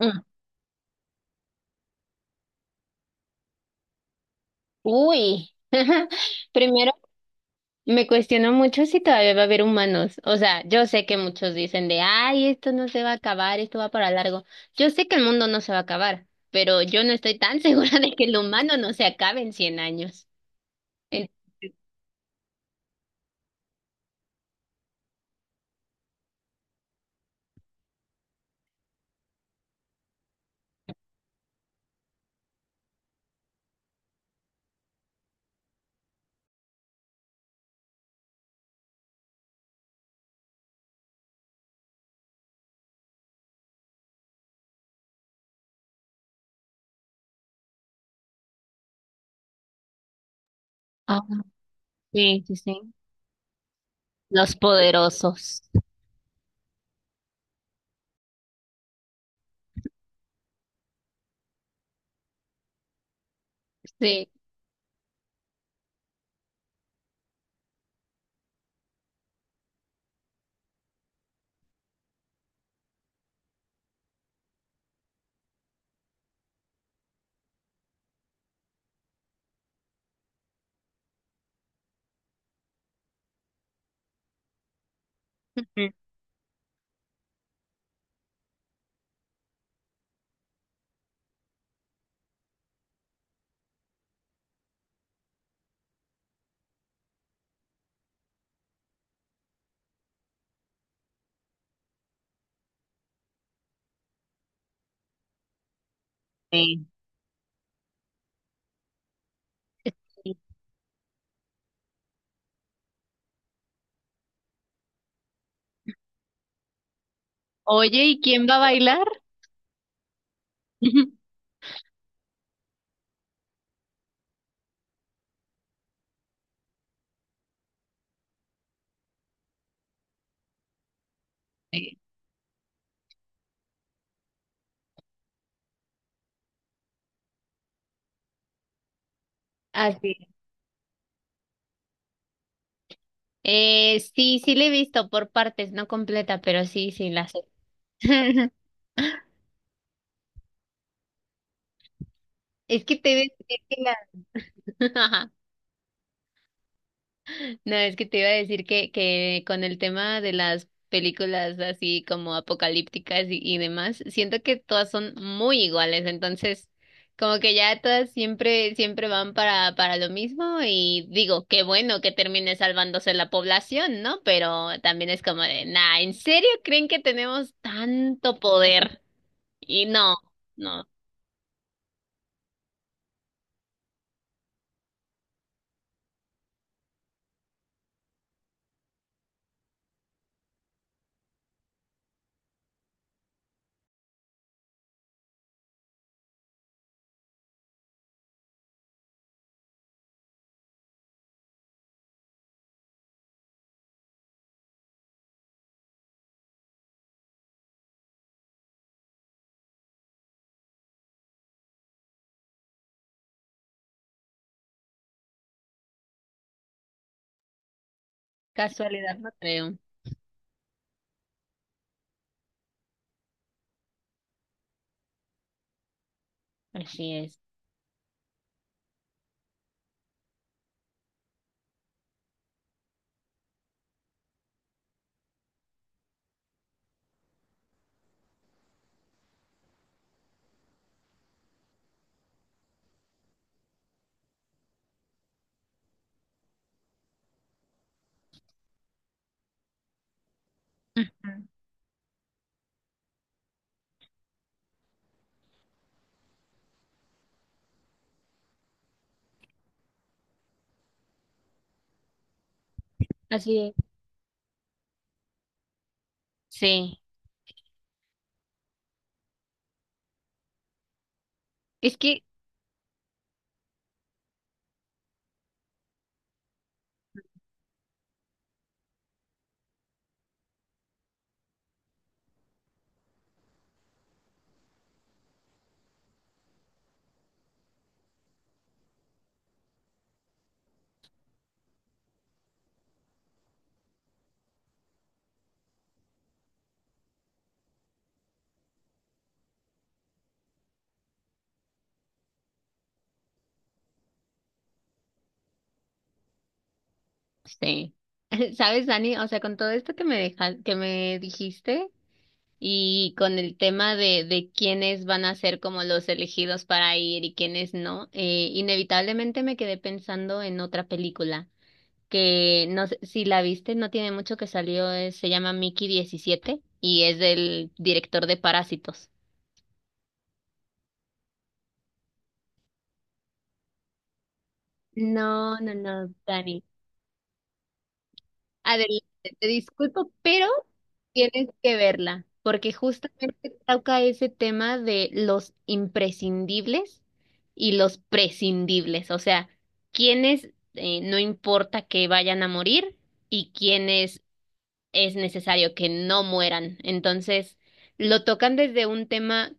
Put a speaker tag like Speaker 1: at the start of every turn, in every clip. Speaker 1: Mm, Uy, primero me cuestiono mucho si todavía va a haber humanos. O sea, yo sé que muchos dicen de, ay, esto no se va a acabar, esto va para largo. Yo sé que el mundo no se va a acabar, pero yo no estoy tan segura de que el humano no se acabe en 100 años. En- Ah, sí, sí, sí. Los poderosos. Sí. Ujú. Sí. Sí. Oye, ¿y quién va a bailar? Sí. Así es. Sí, sí la he visto por partes, no completa, pero sí, sí la sé. Es que te iba a decir que. No, es que te iba a decir que con el tema de las películas así como apocalípticas y demás, siento que todas son muy iguales, entonces como que ya todas siempre, siempre van para lo mismo y digo, qué bueno que termine salvándose la población, ¿no? Pero también es como de, nah, ¿en serio creen que tenemos tanto poder? Y no, no, casualidad no creo. Así es. Ujú. Así es. Sí. Es que, sí, sabes, Dani, o sea, con todo esto que me deja, que me dijiste y con el tema de quiénes van a ser como los elegidos para ir y quiénes no, inevitablemente me quedé pensando en otra película que no sé si la viste, no tiene mucho que salió, se llama Mickey diecisiete y es del director de Parásitos. No, no, no, Dani. Adelante, te disculpo, pero tienes que verla, porque justamente toca ese tema de los imprescindibles y los prescindibles, o sea, quienes no importa que vayan a morir y quienes es necesario que no mueran. Entonces, lo tocan desde un tema,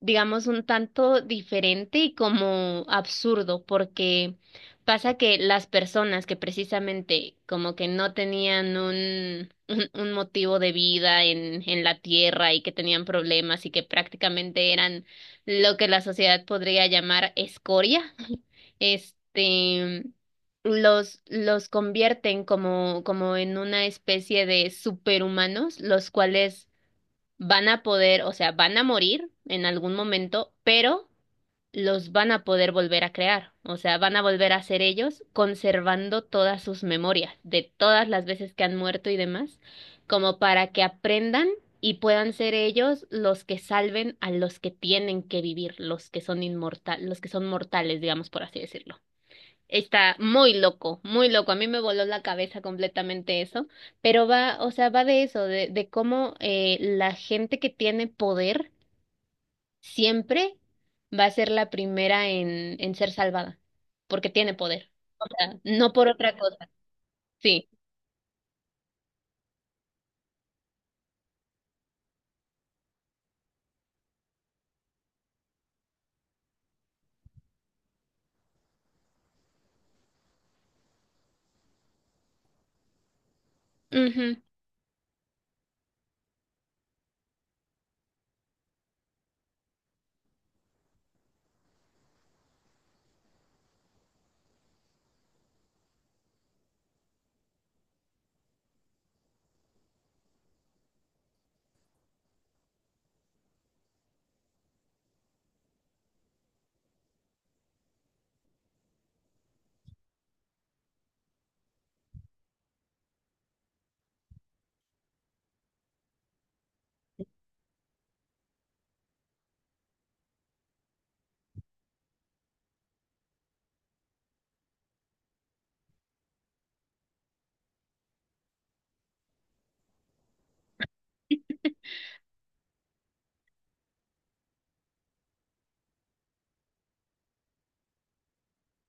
Speaker 1: digamos, un tanto diferente y como absurdo, porque pasa que las personas que precisamente como que no tenían un motivo de vida en la tierra y que tenían problemas y que prácticamente eran lo que la sociedad podría llamar escoria, este, los convierten como en una especie de superhumanos, los cuales van a poder, o sea, van a morir en algún momento, pero los van a poder volver a crear, o sea, van a volver a ser ellos, conservando todas sus memorias de todas las veces que han muerto y demás, como para que aprendan y puedan ser ellos los que salven a los que tienen que vivir, los que son inmortal, los que son mortales, digamos por así decirlo. Está muy loco, muy loco. A mí me voló la cabeza completamente eso, pero va, o sea, va de eso, de cómo la gente que tiene poder siempre va a ser la primera en ser salvada, porque tiene poder. O sea, no por otra cosa. Sí. Ujú.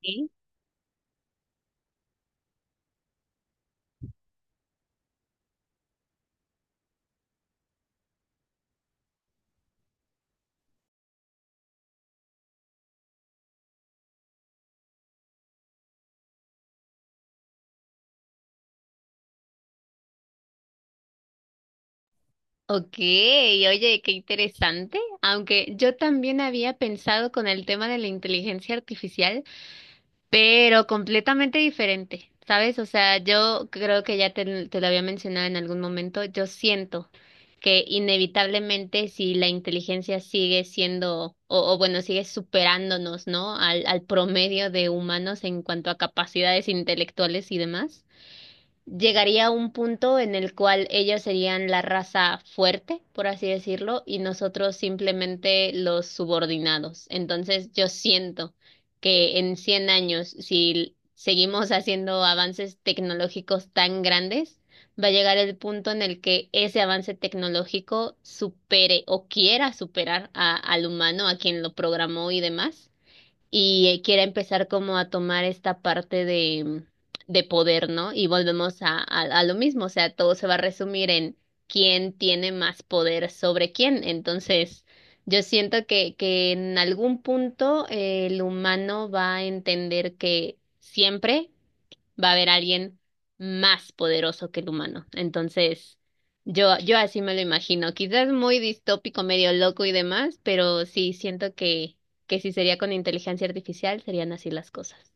Speaker 1: Sí. Ok, oye, qué interesante. Aunque yo también había pensado con el tema de la inteligencia artificial, pero completamente diferente, ¿sabes? O sea, yo creo que ya te lo había mencionado en algún momento, yo siento que inevitablemente si la inteligencia sigue siendo, o bueno, sigue superándonos, ¿no? Al promedio de humanos en cuanto a capacidades intelectuales y demás llegaría a un punto en el cual ellos serían la raza fuerte, por así decirlo, y nosotros simplemente los subordinados. Entonces, yo siento que en 100 años, si seguimos haciendo avances tecnológicos tan grandes, va a llegar el punto en el que ese avance tecnológico supere o quiera superar al humano, a quien lo programó y demás y quiera empezar como a tomar esta parte de poder, ¿no? Y volvemos a lo mismo, o sea, todo se va a resumir en quién tiene más poder sobre quién. Entonces, yo siento que en algún punto el humano va a entender que siempre va a haber alguien más poderoso que el humano. Entonces, yo así me lo imagino. Quizás muy distópico, medio loco y demás, pero sí siento que si sería con inteligencia artificial, serían así las cosas.